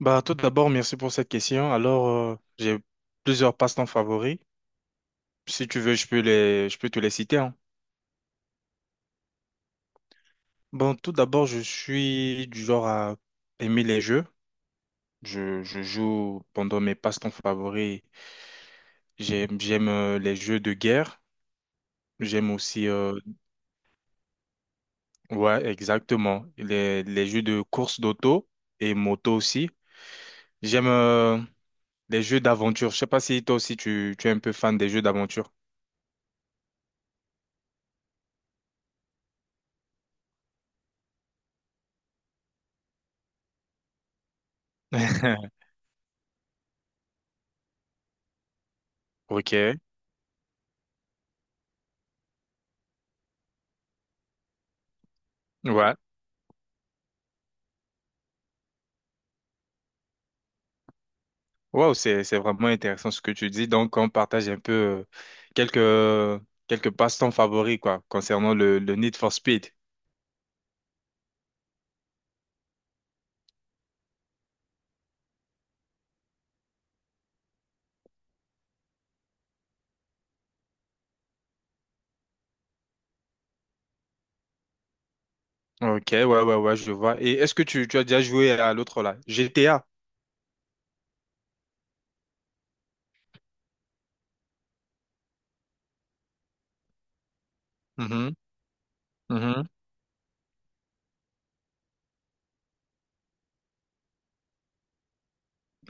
Bah, tout d'abord, merci pour cette question. Alors, j'ai plusieurs passe-temps favoris. Si tu veux, je peux te les citer, hein. Bon, tout d'abord, je suis du genre à aimer les jeux. Je joue pendant mes passe-temps favoris. J'aime les jeux de guerre. J'aime aussi, ouais, exactement, les jeux de course d'auto et moto aussi. J'aime les jeux d'aventure. Je sais pas si toi aussi tu es un peu fan des jeux d'aventure. Ok. Ouais, wow, c'est vraiment intéressant ce que tu dis. Donc, on partage un peu quelques quelques passe-temps favoris quoi concernant le Need for Speed. Ok, ouais, ouais, ouais, je vois. Et est-ce que tu as déjà joué à l'autre là, GTA? Mhm, mhm.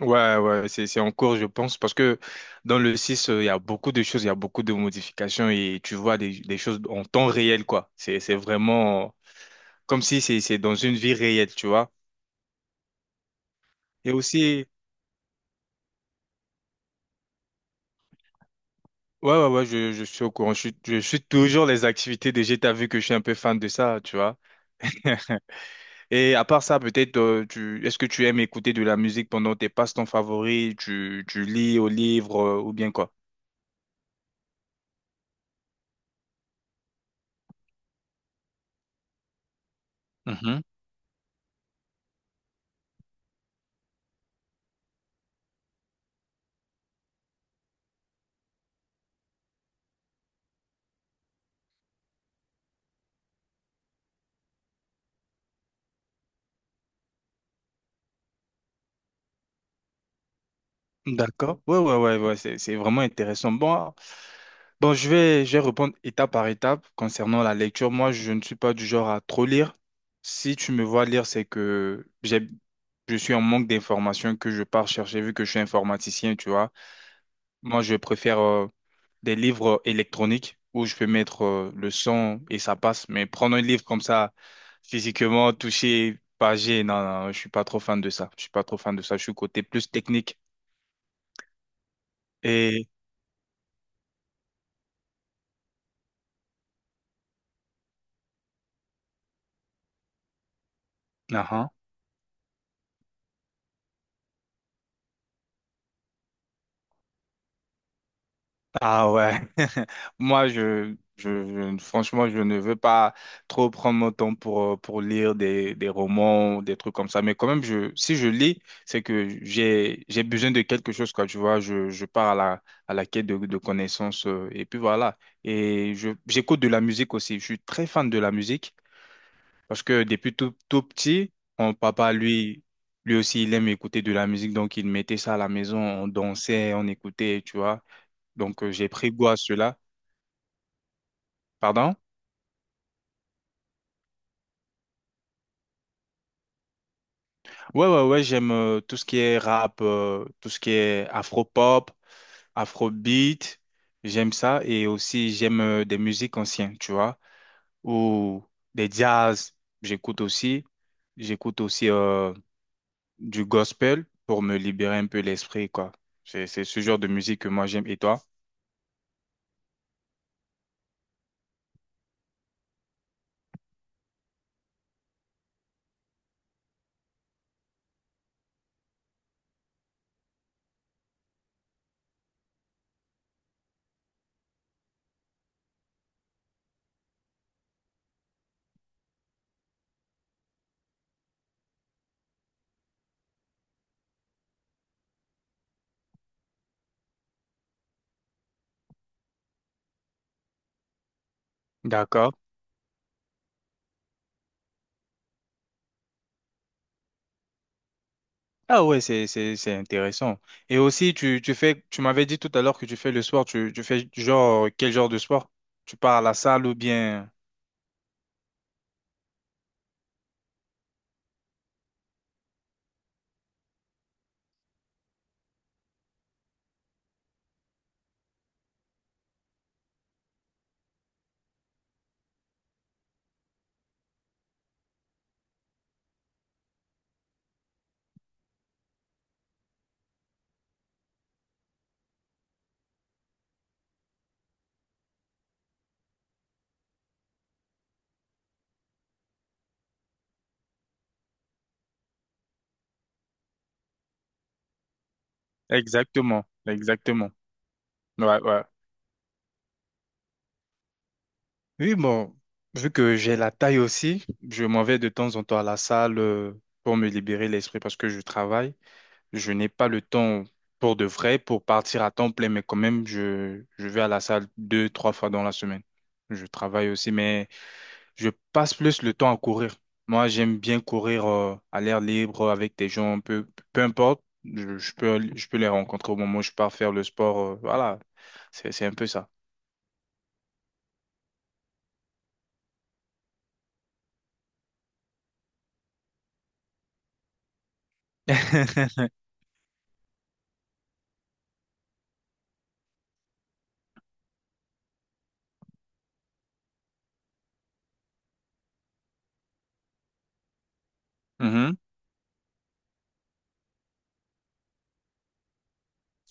Ouais, ouais, c'est en cours, je pense, parce que dans le 6 il y a beaucoup de choses, il y a beaucoup de modifications et tu vois des choses en temps réel quoi. C'est vraiment comme si c'est dans une vie réelle, tu vois. Et aussi Ouais, ouais, ouais, je suis au courant. Je suis toujours les activités DG. T'as vu que je suis un peu fan de ça, tu vois. Et à part ça, peut-être, tu, est-ce que tu aimes écouter de la musique pendant tes passe-temps favoris? Tu lis au livre, ou bien quoi? Mhm. D'accord. Ouais, ouais, ouais, ouais, c'est vraiment intéressant. Bon, je vais répondre étape par étape concernant la lecture. Moi, je ne suis pas du genre à trop lire. Si tu me vois lire, je suis en manque d'informations que je pars chercher vu que je suis informaticien, tu vois. Moi, je préfère des livres électroniques où je peux mettre le son et ça passe. Mais prendre un livre comme ça, physiquement, touché, pagé, non, non, je suis pas trop fan de ça. Je suis pas trop fan de ça. Je suis côté plus technique. Et, Ah ouais, moi je- franchement je ne veux pas trop prendre mon temps pour lire des romans, des trucs comme ça, mais quand même je, si je lis, j'ai besoin de quelque chose, quoi, tu vois, je pars à la quête de connaissances, et puis voilà, et j'écoute de la musique aussi, je suis très fan de la musique, parce que depuis tout, tout petit, mon papa, lui aussi, il aime écouter de la musique, donc il mettait ça à la maison, on dansait, on écoutait, tu vois. Donc, j'ai pris goût à cela. Pardon? Ouais, ouais, ouais, j'aime tout ce qui est rap, tout ce qui est afro-pop, afrobeat. J'aime ça. Et aussi, j'aime des musiques anciennes, tu vois, ou des jazz. J'écoute aussi. J'écoute aussi du gospel pour me libérer un peu l'esprit, quoi. C'est ce genre de musique que moi j'aime. Et toi? D'accord. Ah ouais, c'est intéressant. Et aussi, tu m'avais dit tout à l'heure que tu fais le sport, tu fais genre, quel genre de sport? Tu pars à la salle ou bien… Exactement, exactement. Ouais, ouais. Oui, bon, vu que j'ai la taille aussi, je m'en vais de temps en temps à la salle pour me libérer l'esprit parce que je travaille. Je n'ai pas le temps pour de vrai, pour partir à temps plein, mais quand même, je vais à la salle deux, trois fois dans la semaine. Je travaille aussi, mais… Je passe plus le temps à courir. Moi, j'aime bien courir à l'air libre avec des gens, peu importe. Je peux les rencontrer au moment où je pars faire le sport. Voilà, c'est un peu ça. Mhm.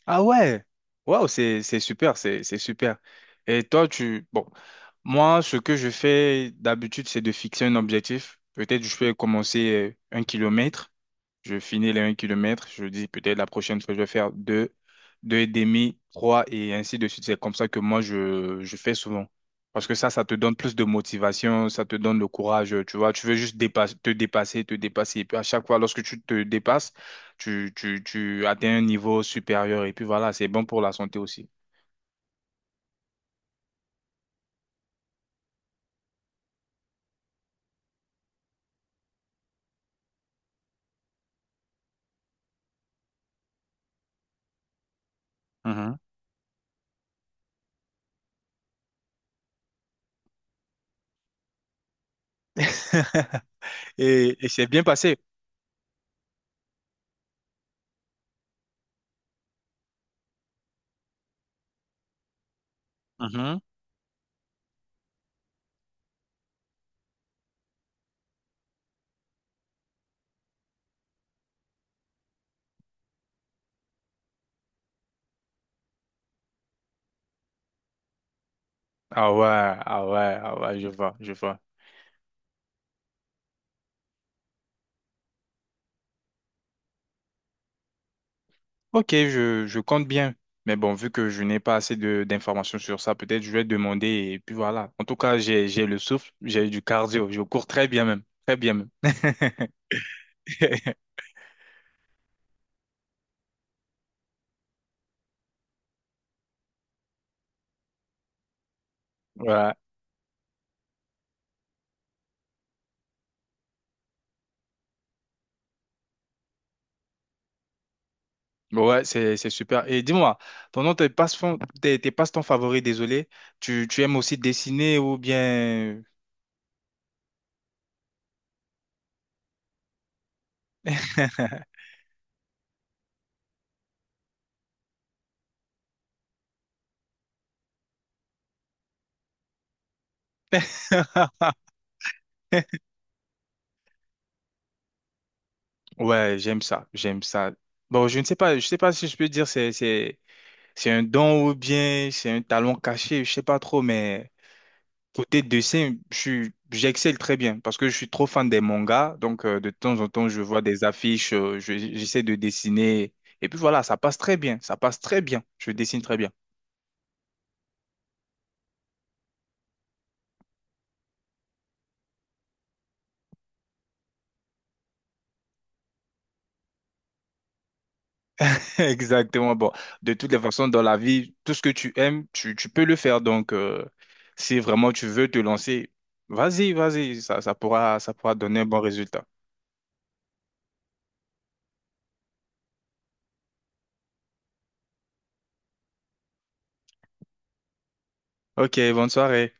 Ah ouais, waouh, c'est super, c'est super. Et toi, tu… Bon, moi, ce que je fais d'habitude, c'est de fixer un objectif. Peut-être je peux commencer un kilomètre. Je finis les un kilomètre, je dis peut-être la prochaine fois, je vais faire deux, deux et demi, 3 et ainsi de suite. C'est comme ça que moi, je fais souvent. Parce que ça te donne plus de motivation, ça te donne le courage, tu vois. Tu veux juste dépasser, te dépasser, te dépasser. Et puis à chaque fois, lorsque tu te dépasses, tu atteins un niveau supérieur. Et puis voilà, c'est bon pour la santé aussi. Mhm. Et c'est bien passé. Mhm. Ah ouais, ah ouais, ah ouais, je vois, je vois. Ok, je compte bien. Mais bon, vu que je n'ai pas assez de d'informations sur ça, peut-être je vais demander et puis voilà. En tout cas, j'ai le souffle, j'ai du cardio, je cours très bien même, très bien même. Ouais. Ouais, c'est super. Et dis-moi, pendant tes passe-temps, tes passe-temps favoris, désolé, tu aimes aussi dessiner ou bien… Ouais, j'aime ça, j'aime ça. Bon, je ne sais pas, je sais pas si je peux dire c'est un don ou bien c'est un talent caché, je sais pas trop, mais… Côté dessin, j'excelle très bien parce que je suis trop fan des mangas. Donc, de temps en temps, je vois des affiches, j'essaie de dessiner. Et puis voilà, ça passe très bien. Ça passe très bien. Je dessine très bien. Exactement. Bon, de toutes les façons, dans la vie, tout ce que tu aimes, tu peux le faire. Donc, si vraiment tu veux te lancer, vas-y, vas-y, ça pourra donner un bon résultat. Ok, bonne soirée.